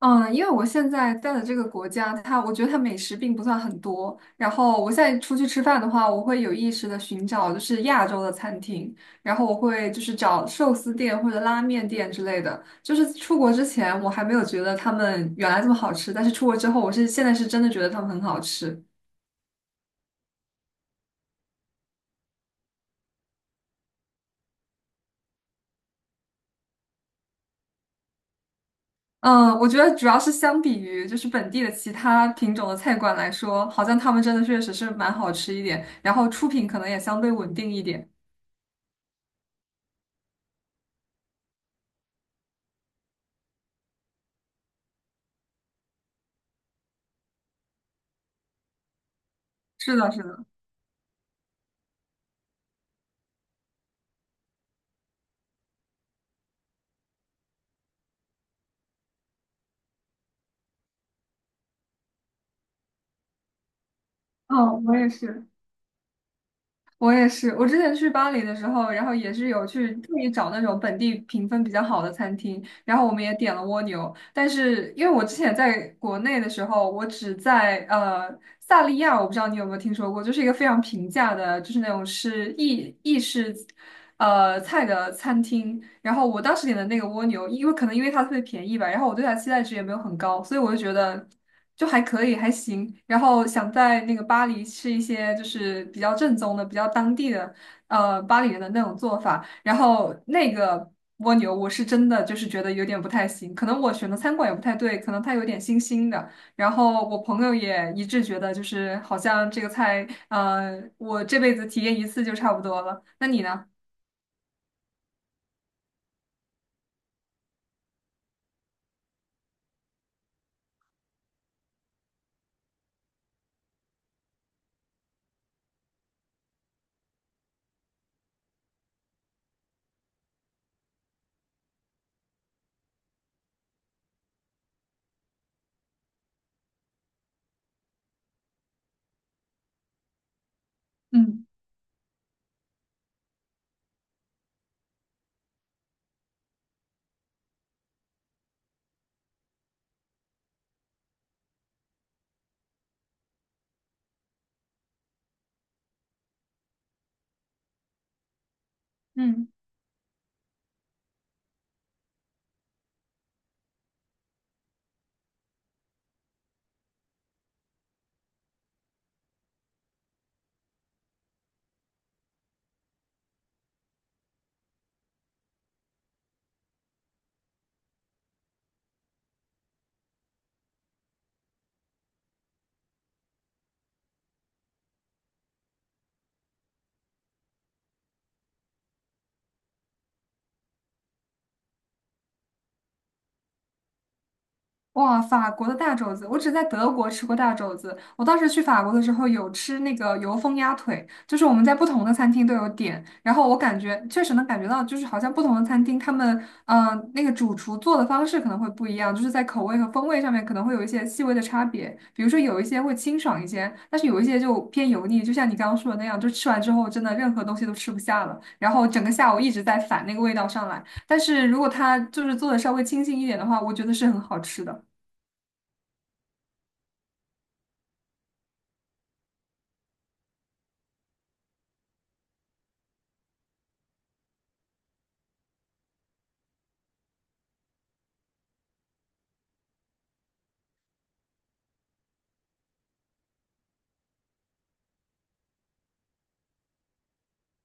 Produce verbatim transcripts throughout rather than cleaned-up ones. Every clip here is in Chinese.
嗯，因为我现在在的这个国家，它我觉得它美食并不算很多。然后我现在出去吃饭的话，我会有意识的寻找就是亚洲的餐厅，然后我会就是找寿司店或者拉面店之类的。就是出国之前我还没有觉得他们原来这么好吃，但是出国之后，我是现在是真的觉得他们很好吃。嗯，我觉得主要是相比于就是本地的其他品种的菜馆来说，好像他们真的确实是蛮好吃一点，然后出品可能也相对稳定一点。是的，是的。哦，我也是。我也是，我之前去巴黎的时候，然后也是有去特意找那种本地评分比较好的餐厅，然后我们也点了蜗牛，但是因为我之前在国内的时候，我只在呃萨利亚，我不知道你有没有听说过，就是一个非常平价的，就是那种是意意式呃菜的餐厅，然后我当时点的那个蜗牛，因为可能因为它特别便宜吧，然后我对它期待值也没有很高，所以我就觉得。就还可以，还行。然后想在那个巴黎吃一些就是比较正宗的、比较当地的，呃，巴黎人的那种做法。然后那个蜗牛，我是真的就是觉得有点不太行，可能我选的餐馆也不太对，可能它有点腥腥的。然后我朋友也一致觉得，就是好像这个菜，呃，我这辈子体验一次就差不多了。那你呢？嗯嗯。哇，法国的大肘子，我只在德国吃过大肘子。我当时去法国的时候有吃那个油封鸭腿，就是我们在不同的餐厅都有点，然后我感觉确实能感觉到，就是好像不同的餐厅他们，嗯、呃那个主厨做的方式可能会不一样，就是在口味和风味上面可能会有一些细微的差别。比如说有一些会清爽一些，但是有一些就偏油腻，就像你刚刚说的那样，就吃完之后真的任何东西都吃不下了，然后整个下午一直在反那个味道上来。但是如果它就是做的稍微清新一点的话，我觉得是很好吃的。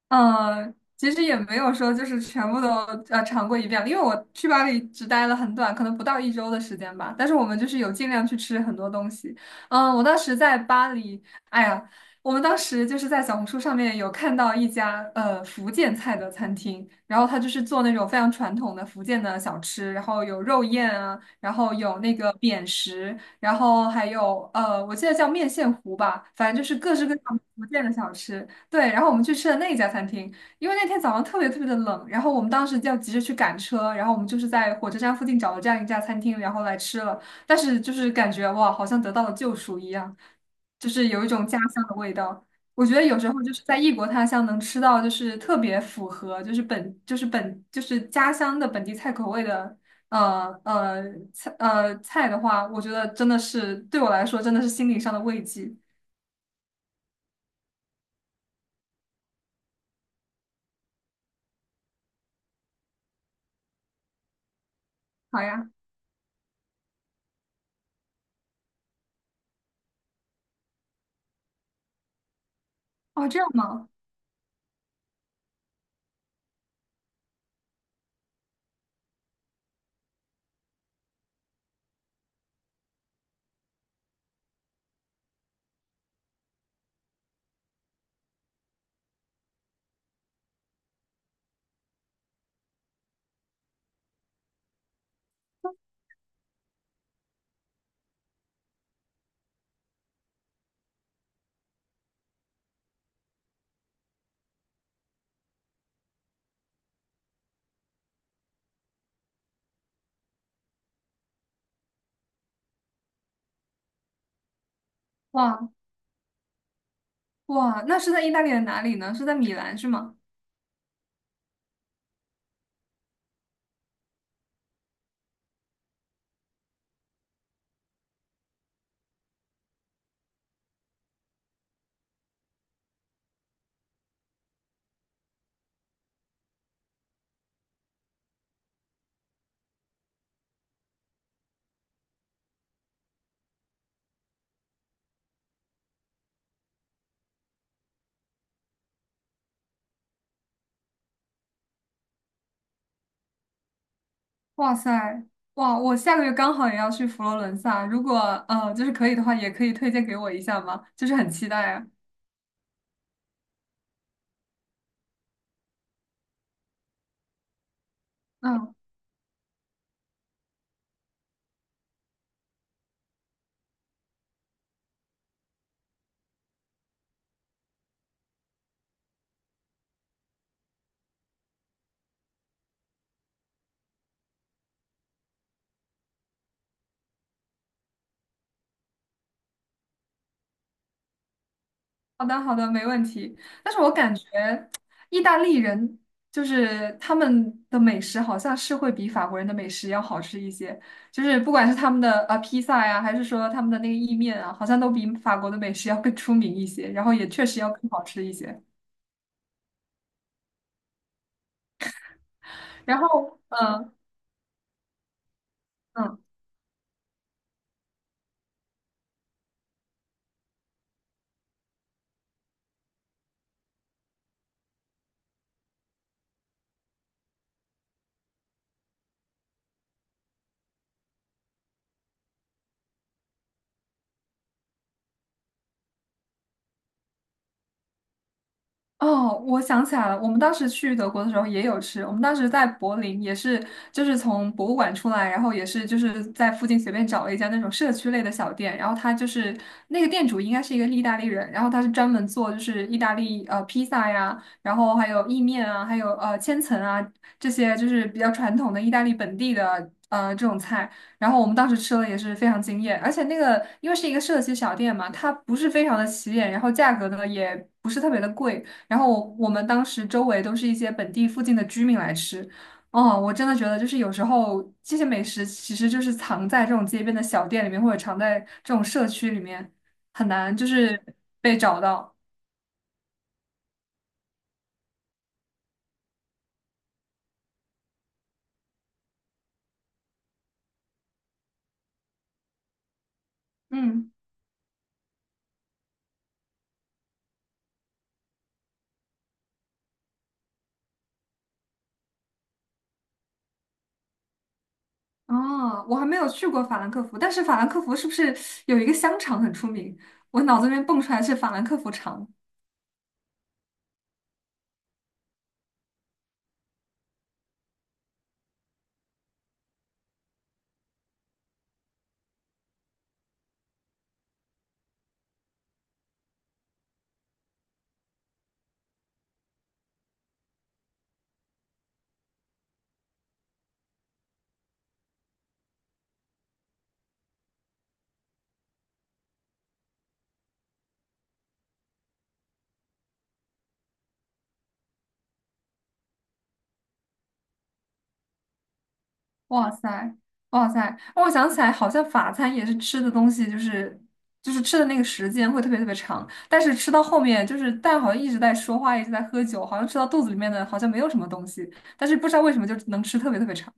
嗯，其实也没有说就是全部都呃尝过一遍了，因为我去巴黎只待了很短，可能不到一周的时间吧。但是我们就是有尽量去吃很多东西。嗯，我当时在巴黎，哎呀，我们当时就是在小红书上面有看到一家呃福建菜的餐厅，然后他就是做那种非常传统的福建的小吃，然后有肉燕啊，然后有那个扁食，然后还有呃我记得叫面线糊吧，反正就是各式各样福建的小吃。对，然后我们去吃了那一家餐厅，因为那天早上特别特别的冷，然后我们当时要急着去赶车，然后我们就是在火车站附近找了这样一家餐厅，然后来吃了，但是就是感觉哇，好像得到了救赎一样，就是有一种家乡的味道。我觉得有时候就是在异国他乡能吃到就是特别符合就是本就是本就是家乡的本地菜口味的呃呃菜呃菜的话，我觉得真的是对我来说真的是心理上的慰藉。好呀，哦这样吗？哇。哇，那是在意大利的哪里呢？是在米兰是吗？哇塞，哇，我下个月刚好也要去佛罗伦萨，如果呃就是可以的话，也可以推荐给我一下吗？就是很期待啊。嗯，好的好的，没问题。但是我感觉意大利人就是他们的美食好像是会比法国人的美食要好吃一些，就是不管是他们的呃披萨呀，还是说他们的那个意面啊，好像都比法国的美食要更出名一些，然后也确实要更好吃一些。然后，嗯嗯。哦，我想起来了，我们当时去德国的时候也有吃。我们当时在柏林也是，就是从博物馆出来，然后也是就是在附近随便找了一家那种社区类的小店，然后他就是那个店主应该是一个意大利人，然后他是专门做就是意大利呃披萨呀，然后还有意面啊，还有呃千层啊这些就是比较传统的意大利本地的呃这种菜。然后我们当时吃了也是非常惊艳，而且那个因为是一个社区小店嘛，它不是非常的起眼，然后价格呢也不是特别的贵。然后我我们当时周围都是一些本地附近的居民来吃。哦，我真的觉得就是有时候这些美食其实就是藏在这种街边的小店里面，或者藏在这种社区里面，很难就是被找到。嗯，哦，我还没有去过法兰克福，但是法兰克福是不是有一个香肠很出名？我脑子里面蹦出来是法兰克福肠。哇塞，哇塞！我想起来，好像法餐也是吃的东西，就是就是吃的那个时间会特别特别长，但是吃到后面就是但好像一直在说话，一直在喝酒，好像吃到肚子里面的好像没有什么东西，但是不知道为什么就能吃特别特别长。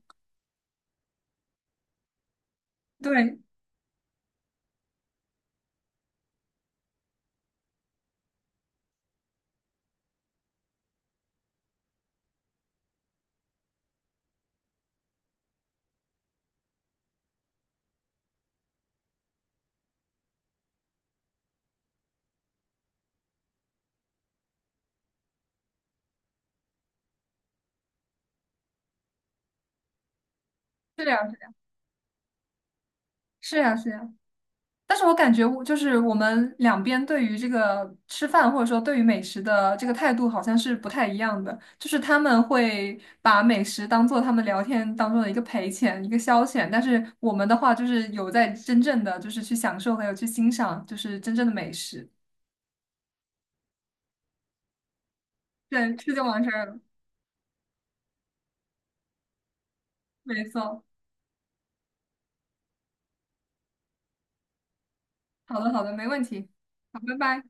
对，是呀，是呀，是呀。但是我感觉我就是我们两边对于这个吃饭或者说对于美食的这个态度好像是不太一样的，就是他们会把美食当做他们聊天当中的一个陪钱、一个消遣，但是我们的话就是有在真正的就是去享受还有去欣赏就是真正的美食。对，吃就完事儿了，没错。好的，好的，没问题。好，拜拜。